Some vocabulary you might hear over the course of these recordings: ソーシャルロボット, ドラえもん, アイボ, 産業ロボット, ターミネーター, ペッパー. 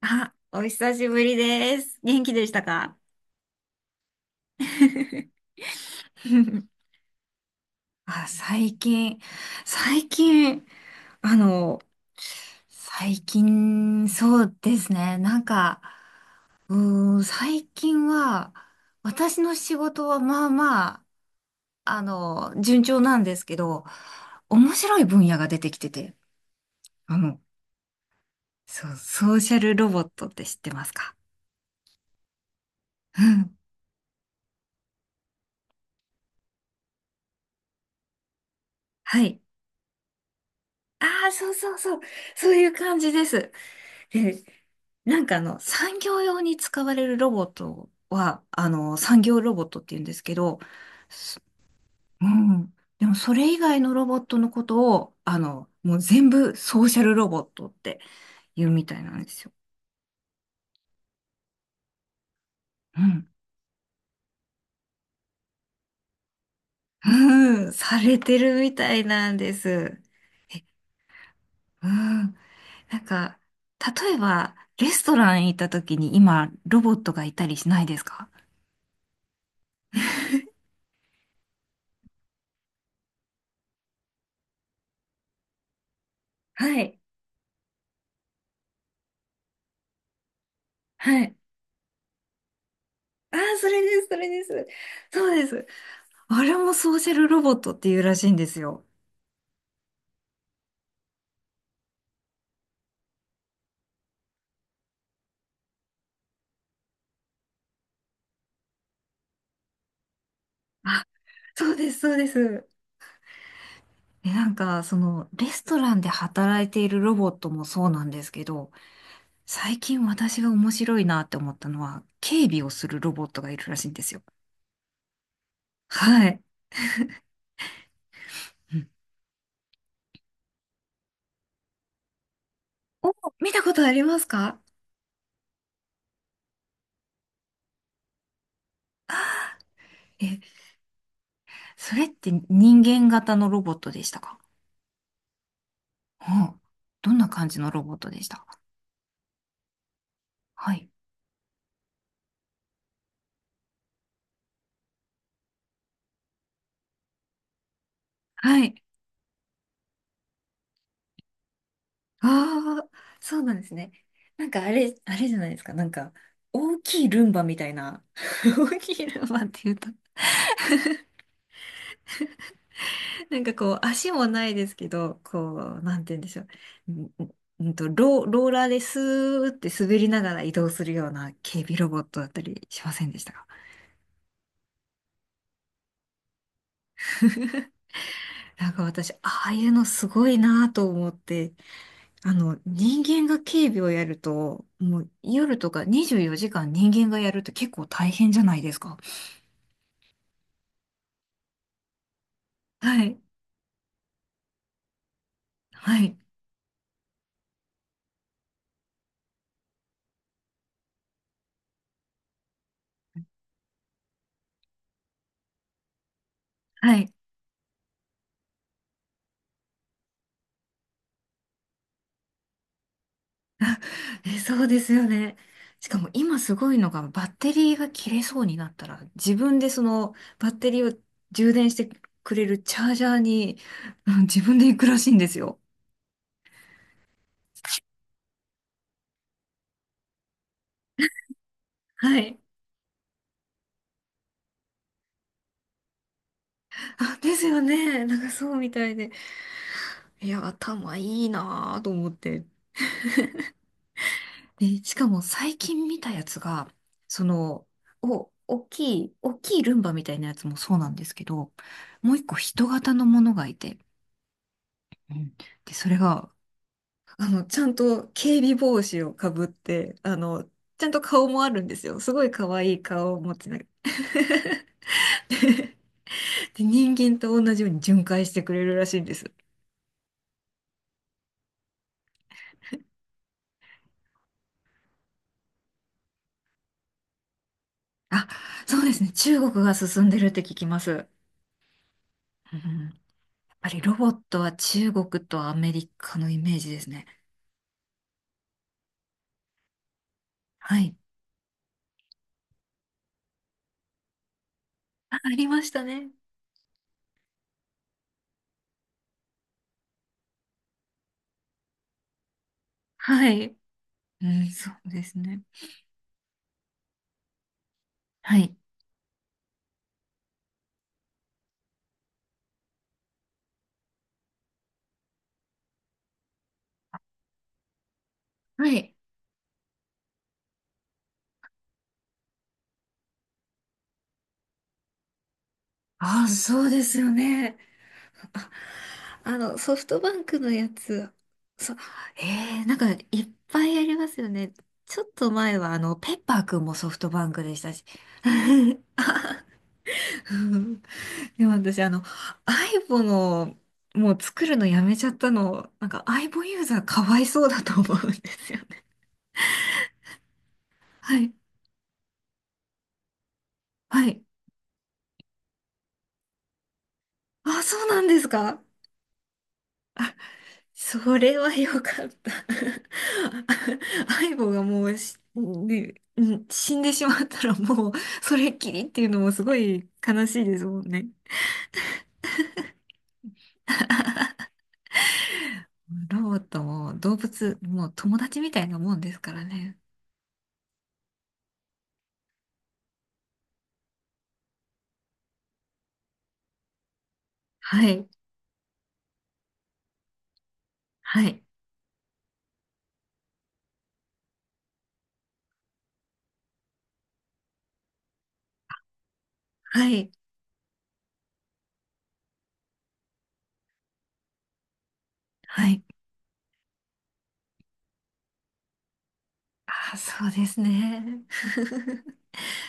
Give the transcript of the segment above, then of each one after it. あ、お久しぶりです。元気でしたか？ あ、最近、最近、あの、最近、そうですね。なんか、最近は、私の仕事はまあまあ、順調なんですけど、面白い分野が出てきてて、あの、そう、ソーシャルロボットって知ってますか？うん。はい。ああ、そうそうそう。そういう感じです。で、なんか産業用に使われるロボットは、産業ロボットって言うんですけど、すうん。でもそれ以外のロボットのことを、もう全部ソーシャルロボットって言うみたいなんですよ。うん。うん、されてるみたいなんです。え、うん。なんか、例えば、レストラン行った時に今、ロボットがいたりしないですか？はい。はい。ああ、それです、それです。そうです。あれもソーシャルロボットっていうらしいんですよ。あ、そうです、そうです。で、なんか、レストランで働いているロボットもそうなんですけど、最近私が面白いなって思ったのは、警備をするロボットがいるらしいんですよ。はい。うん。お、見たことありますか？え、それって人間型のロボットでしたか？うん。どんな感じのロボットでしたか？はい。はい。ああ、そうなんですね。なんかあれじゃないですか。なんか、大きいルンバみたいな。大きいルンバっていうと、なんかこう、足もないですけど、こう、なんて言うんでしょう。んんんと、ローラーでスーって滑りながら移動するような警備ロボットだったりしませんでしたか？なんか私、ああいうのすごいなと思って、人間が警備をやると、もう夜とか24時間人間がやると結構大変じゃないですか。はい。はい。はい。そうですよね。しかも今すごいのがバッテリーが切れそうになったら自分でそのバッテリーを充電してくれるチャージャーに、うん自分で行くらしいんですよ。はい。あ、ですよね。なんかそうみたいで。いや、頭いいなぁと思って。で、しかも最近見たやつが、その、大きいルンバみたいなやつもそうなんですけど、もう一個人型のものがいて、うんで、それがちゃんと警備帽子をかぶって、ちゃんと顔もあるんですよ。すごい可愛い顔を持つね。で、人間と同じように巡回してくれるらしいんです。あ、そうですね。中国が進んでるって聞きます。うん、やっぱりロボットは中国とアメリカのイメージですね。はい。あ、ありましたね。はい。うん、そうですね。はい。はい。あ、そうですよね。ああの、ソフトバンクのやつ、そ、えー、なんかいっぱいありますよね。ちょっと前はペッパーくんもソフトバンクでしたし。うん。でも私アイボの、もう作るのやめちゃったの、なんかアイボユーザーかわいそうだと思うんですよね。はい。はい。あ、そうなんですか？それはよかった。相棒がもう、死んでしまったらもうそれっきりっていうのもすごい悲しいですもんね。ロボットも動物もう友達みたいなもんですからね。はい、はい、はい、はい。ああ、そうですね。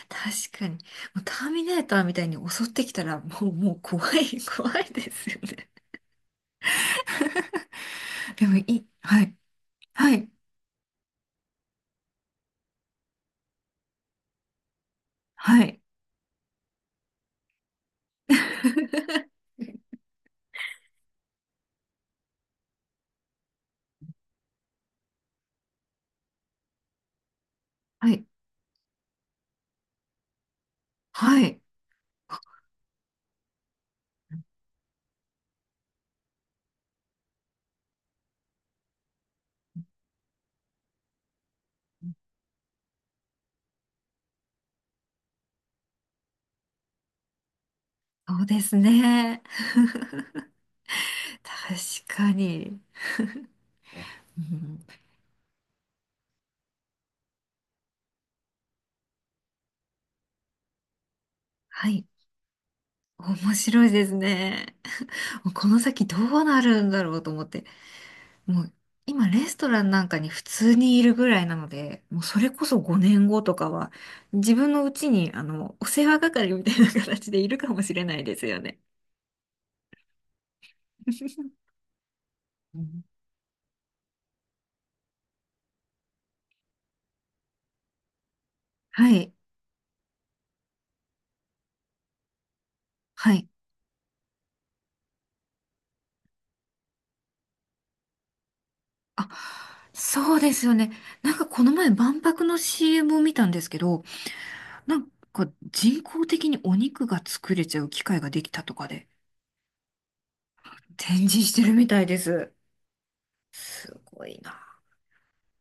確かに。もうターミネーターみたいに襲ってきたらもう怖い、怖いですよね。でもいい。はい、はい、はい、はい。はい。そうですね。確かに。うん、はい。面白いですね。もうこの先どうなるんだろうと思って。もう今レストランなんかに普通にいるぐらいなので、もうそれこそ5年後とかは自分のうちにお世話係みたいな形でいるかもしれないですよね。うん。はい。はい。あ、そうですよね。なんかこの前万博の CM を見たんですけど、なんか人工的にお肉が作れちゃう機械ができたとかで展示してるみたいです。すごいな。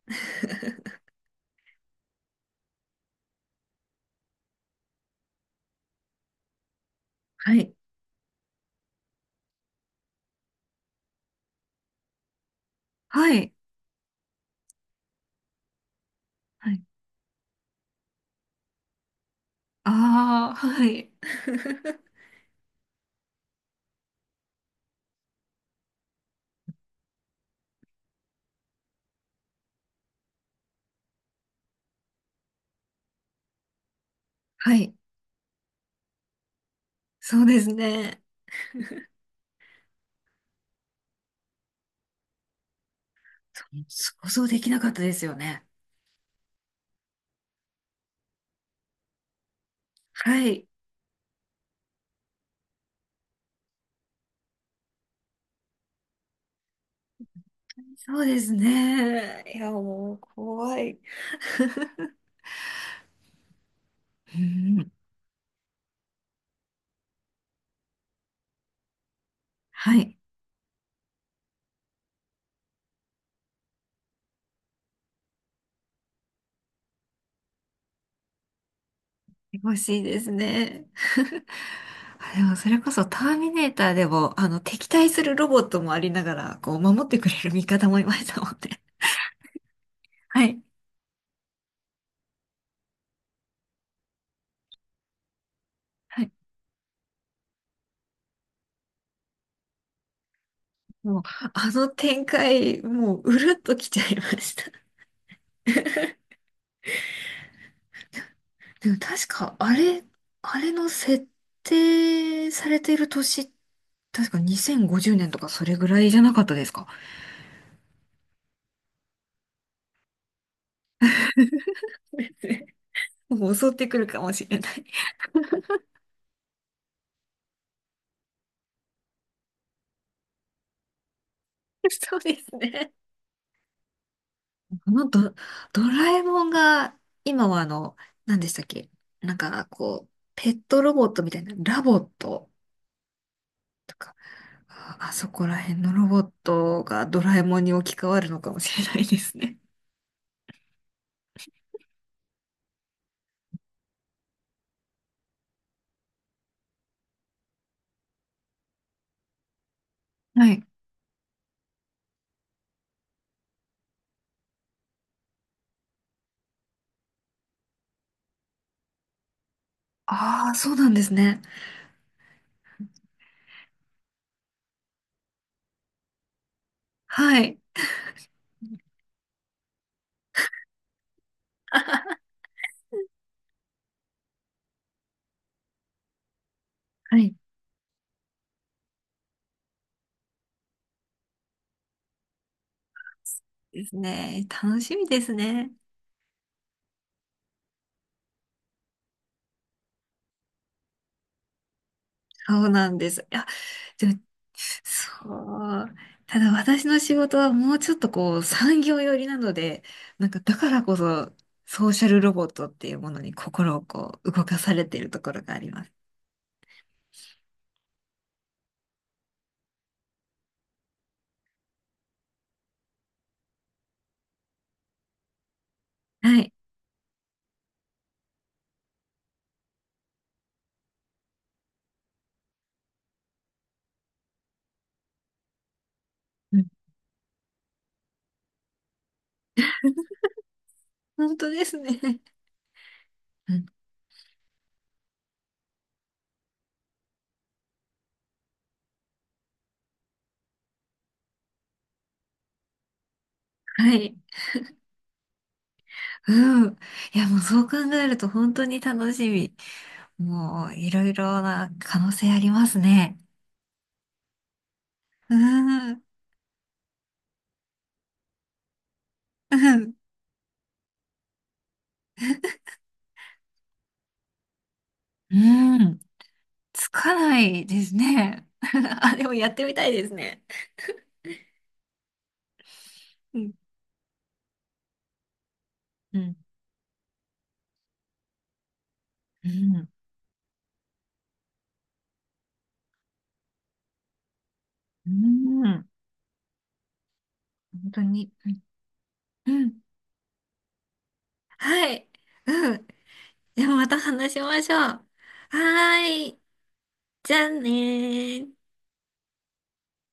はい。はい。はい。ああ、はい。はい。そうですね。想像できなかったですよね。はい。そうですね。いや、もう怖い。うん。はい。欲しいですね。あ、でもそれこそターミネーターでも、敵対するロボットもありながら、こう、守ってくれる味方もいましたもんね。はい。はい。もう、あの展開、もう、うるっときちゃいました。でも確か、あれの設定されている年、確か2050年とかそれぐらいじゃなかったですか？ もう襲ってくるかもしれない。そうですね。あのド、ドラえもんが、今は何でしたっけ？なんか、こう、ペットロボットみたいな、ラボットとか、あそこら辺のロボットがドラえもんに置き換わるのかもしれないですね。はい。ああ、そうなんですね。はい。はい。ですね。楽しみですね。そうなんです。いや、でも、そう。ただ私の仕事はもうちょっとこう産業寄りなので、なんかだからこそソーシャルロボットっていうものに心をこう動かされているところがあります。はい。うん、本当ですね。うん。はい。うん。いや、もうそう考えると本当に楽しみ。もういろいろな可能性ありますね。うん。うん。うん。つかないですね。あ、でもやってみたいですね。うん。うん。うん。うん。本当に。うん、うん。はい。うん、うん、本当に、うん、はい、うん、でもまた話しましょう。はーい。じゃあねー。